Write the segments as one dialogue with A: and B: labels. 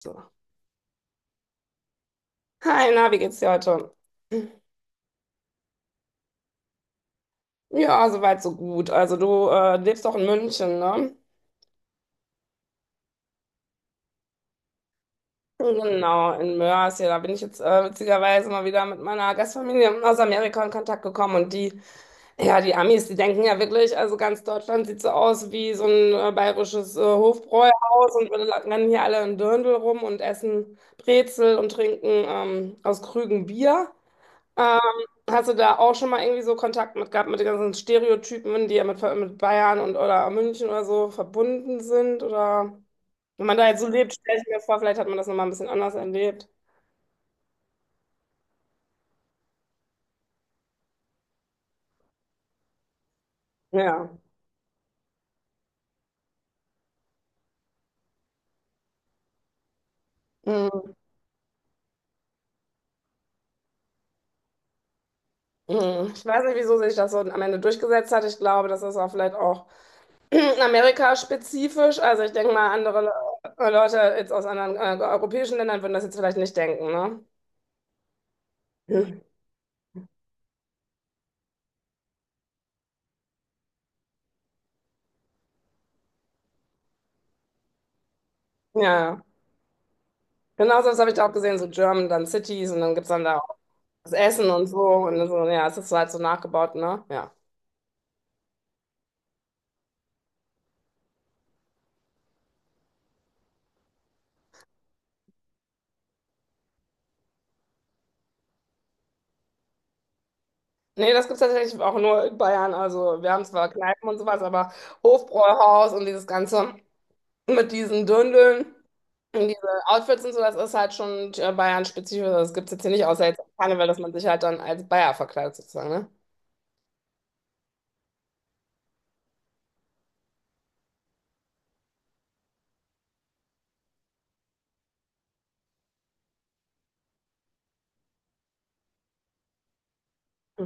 A: So. Hi, na, wie geht's dir heute? Ja, soweit, so gut. Also du lebst doch in München, ne? Genau, in Mörs. Ja, da bin ich jetzt witzigerweise mal wieder mit meiner Gastfamilie aus Amerika in Kontakt gekommen ja, die Amis, die denken ja wirklich, also ganz Deutschland sieht so aus wie so ein bayerisches Hofbräuhaus und wir rennen hier alle in Dirndl rum und essen Brezel und trinken aus Krügen Bier. Ähm, hast du da auch schon mal irgendwie so Kontakt mit gehabt, mit den ganzen Stereotypen, die ja mit Bayern und oder München oder so verbunden sind? Oder wenn man da jetzt so lebt, stelle ich mir vor, vielleicht hat man das nochmal ein bisschen anders erlebt. Ja. Mhm. Mhm. Ich weiß nicht, wieso sich das so am Ende durchgesetzt hat. Ich glaube, das ist auch vielleicht auch Amerika-spezifisch. Also ich denke mal, andere Le Leute jetzt aus anderen europäischen Ländern würden das jetzt vielleicht nicht denken, ne? Mhm. Ja, ja. Genauso, das habe ich da auch gesehen, so German, dann Cities und dann gibt es dann da auch. Das Essen und so, ja, es ist halt so nachgebaut, ne? Ja. Nee, das gibt's tatsächlich auch nur in Bayern. Also wir haben zwar Kneipen und sowas, aber Hofbräuhaus und dieses Ganze mit diesen Döndeln und diese Outfits und so, das ist halt schon Bayern-spezifisch. Also, das gibt's jetzt hier nicht, außer jetzt auf Karneval, dass man sich halt dann als Bayer verkleidet sozusagen, ne? Hm.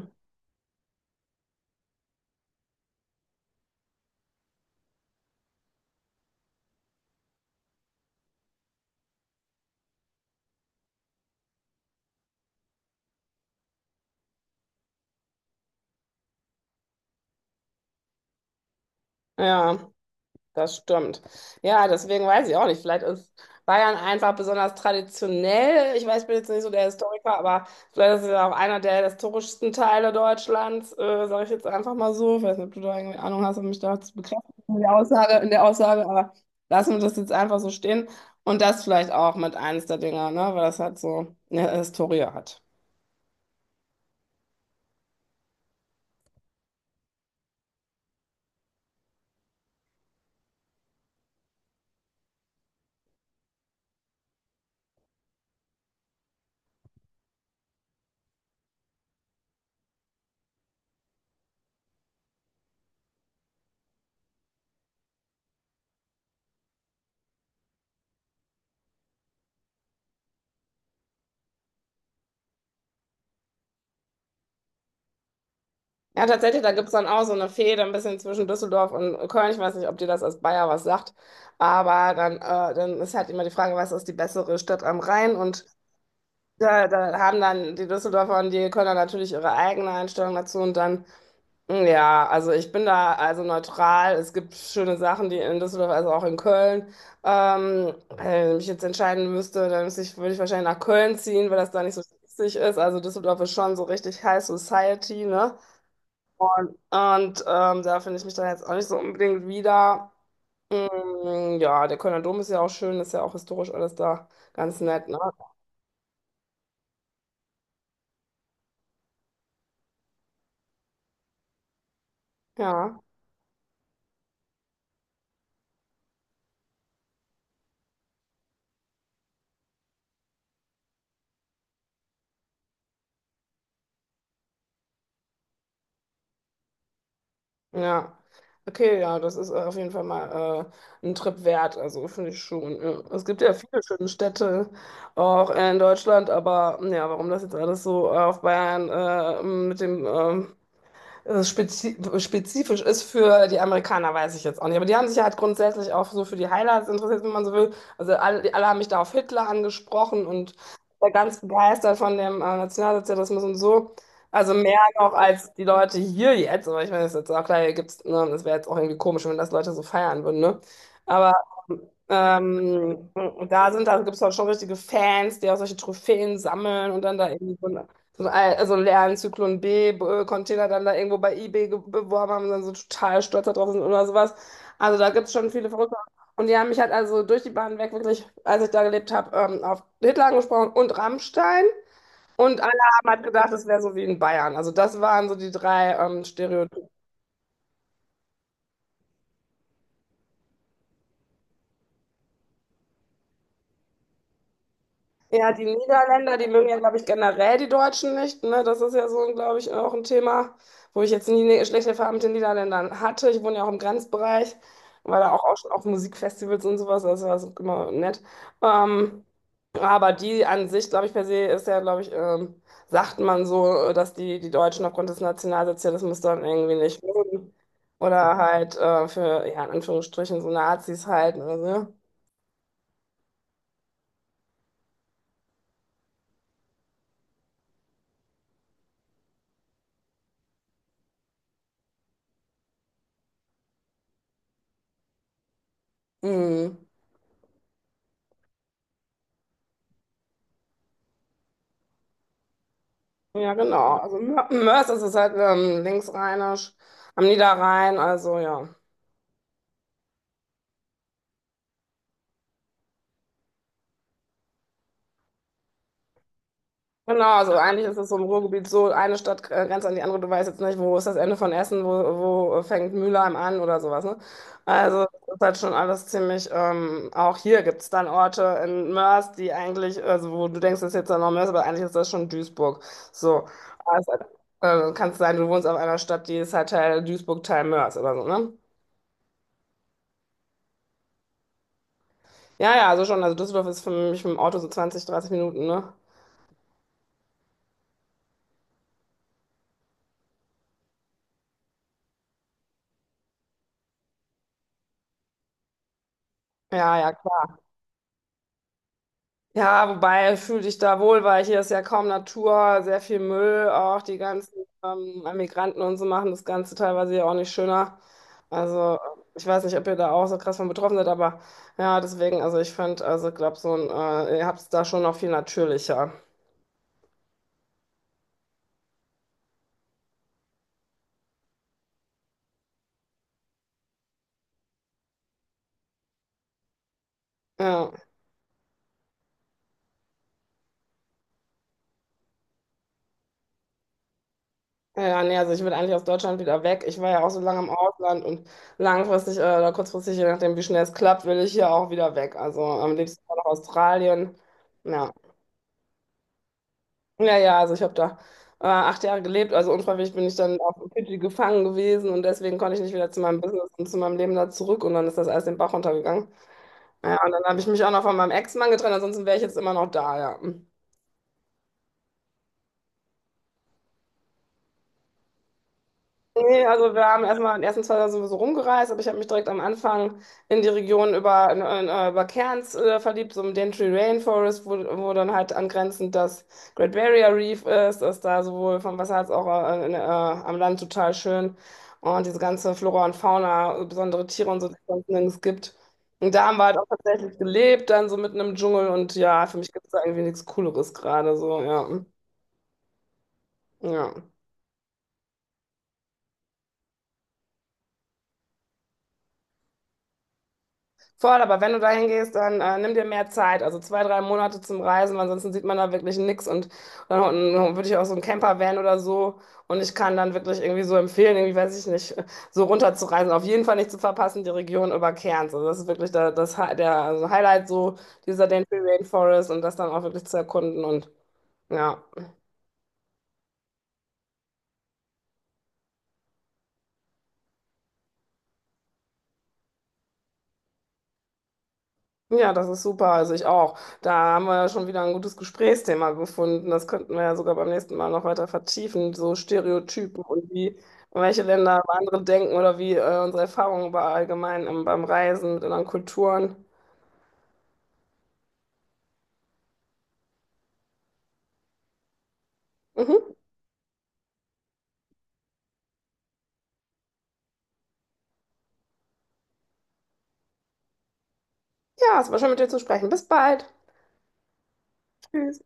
A: Ja. Das stimmt. Ja, deswegen weiß ich auch nicht. Vielleicht ist Bayern einfach besonders traditionell. Ich weiß, ich bin jetzt nicht so der Historiker, aber vielleicht ist es ja auch einer der historischsten Teile Deutschlands, sage ich jetzt einfach mal so. Ich weiß nicht, ob du da irgendwie Ahnung hast, um mich da zu bekräftigen in der Aussage, aber lassen wir das jetzt einfach so stehen. Und das vielleicht auch mit eines der Dinger, ne? Weil das halt so eine Historie hat. Ja, tatsächlich, da gibt's dann auch so eine Fehde ein bisschen zwischen Düsseldorf und Köln. Ich weiß nicht, ob dir das als Bayer was sagt, aber dann ist halt immer die Frage, was ist die bessere Stadt am Rhein? Und da haben dann die Düsseldorfer und die Kölner natürlich ihre eigene Einstellung dazu. Und dann, mh, ja, also ich bin da also neutral. Es gibt schöne Sachen, die in Düsseldorf, also auch in Köln. Wenn ich mich jetzt entscheiden müsste, dann würde ich wahrscheinlich nach Köln ziehen, weil das da nicht so witzig ist. Also Düsseldorf ist schon so richtig High Society, ne? Da finde ich mich dann jetzt auch nicht so unbedingt wieder. Mm, ja, der Kölner Dom ist ja auch schön, ist ja auch historisch alles da ganz nett, ne? Ja, ja. Okay, ja, das ist auf jeden Fall mal ein Trip wert, also finde ich schon. Ja. Es gibt ja viele schöne Städte auch in Deutschland, aber ja, warum das jetzt alles so auf Bayern mit dem spezifisch ist für die Amerikaner, weiß ich jetzt auch nicht. Aber die haben sich ja halt grundsätzlich auch so für die Highlights interessiert, wenn man so will. Also alle haben mich da auf Hitler angesprochen und war ganz begeistert von dem Nationalsozialismus und so. Also mehr noch als die Leute hier jetzt. Aber ich meine, das ist jetzt auch klar, hier gibt's, ne, das wäre jetzt auch irgendwie komisch, wenn das Leute so feiern würden, ne? Aber ähm, da gibt es auch schon richtige Fans, die auch solche Trophäen sammeln und dann da irgendwie also leeren Zyklon B Container dann da irgendwo bei eBay beworben haben und dann so total stolz da sind oder sowas. Also da gibt es schon viele Verrückte. Und die haben mich halt also durch die Bahn weg wirklich, als ich da gelebt habe, auf Hitler angesprochen und Rammstein. Und alle haben halt gedacht, das wäre so wie in Bayern. Also das waren so die drei Stereotypen. Ja, die Niederländer, die mögen ja, glaube ich, generell die Deutschen nicht. Ne? Das ist ja so, glaube ich, auch ein Thema, wo ich jetzt nie eine schlechte Erfahrung mit den Niederländern hatte. Ich wohne ja auch im Grenzbereich, war auch schon auf Musikfestivals und sowas, das war so immer nett. Ähm, aber die an sich, glaube ich, per se ist ja, glaube ich, sagt man so, dass die Deutschen aufgrund des Nationalsozialismus dann irgendwie nicht mögen. Oder halt ja, in Anführungsstrichen, so Nazis halt. Also, mhm. Ja, genau. Also Mörs ist es halt linksrheinisch, am Niederrhein, also ja. Genau, also eigentlich ist es so im Ruhrgebiet so, eine Stadt grenzt an die andere, du weißt jetzt nicht, wo ist das Ende von wo fängt Mülheim an oder sowas, ne? Also das ist halt schon alles ziemlich, auch hier gibt es dann Orte in Mörs, die eigentlich, also wo du denkst, das ist jetzt dann noch Mörs, aber eigentlich ist das schon Duisburg. So, also, kann es sein, du wohnst auf einer Stadt, die ist halt Teil Duisburg, Teil Mörs oder so, ne? Ja, ja, also schon. Also Düsseldorf ist für mich mit dem Auto so 20, 30 Minuten, ne? Ja, ja, klar. Ja, wobei fühle dich da wohl, weil hier ist ja kaum Natur, sehr viel Müll, auch die ganzen Migranten und so machen das Ganze teilweise ja auch nicht schöner. Also ich weiß nicht, ob ihr da auch so krass von betroffen seid, aber ja, deswegen, also ich fand, also glaube ihr habt es da schon noch viel natürlicher. Ja. Ja, nee, also ich will eigentlich aus Deutschland wieder weg. Ich war ja auch so lange im Ausland und langfristig oder kurzfristig, je nachdem, wie schnell es klappt, will ich hier auch wieder weg. Also am liebsten nach Australien. Ja, ja, also ich habe da 8 Jahre gelebt, also unfreiwillig bin ich dann auf Fidschi gefangen gewesen und deswegen konnte ich nicht wieder zu meinem Business und zu meinem Leben da zurück und dann ist das alles den Bach runtergegangen. Ja, und dann habe ich mich auch noch von meinem Ex-Mann getrennt, ansonsten wäre ich jetzt immer noch da, ja. Nee, also wir haben erstmal in den ersten zwei Tagen sowieso rumgereist, aber ich habe mich direkt am Anfang in die Region über Cairns verliebt, so im Daintree Rainforest, wo dann halt angrenzend das Great Barrier Reef ist, ist da sowohl vom Wasser als auch am Land total schön. Und diese ganze Flora und Fauna, besondere Tiere und so, die es sonst nirgends gibt. Und da haben wir halt auch tatsächlich gelebt, dann so mitten im Dschungel und ja, für mich gibt es da irgendwie nichts Cooleres gerade so, ja. Ja. Voll, aber wenn du dahin gehst, dann nimm dir mehr Zeit, also 2, 3 Monate zum Reisen, weil ansonsten sieht man da wirklich nichts und dann würde ich auch so einen Camper-Van oder so und ich kann dann wirklich irgendwie so empfehlen, irgendwie weiß ich nicht, so runterzureisen, auf jeden Fall nicht zu verpassen, die Region über Cairns, also das ist wirklich da, das, Hi- der also Highlight so dieser Denali Rainforest und das dann auch wirklich zu erkunden und ja. Ja, das ist super. Also ich auch. Da haben wir ja schon wieder ein gutes Gesprächsthema gefunden. Das könnten wir ja sogar beim nächsten Mal noch weiter vertiefen. So Stereotypen und wie welche Länder über andere denken oder wie unsere Erfahrungen über allgemein beim Reisen mit anderen Kulturen. Mhm. Ja, es war schön mit dir zu sprechen. Bis bald. Tschüss.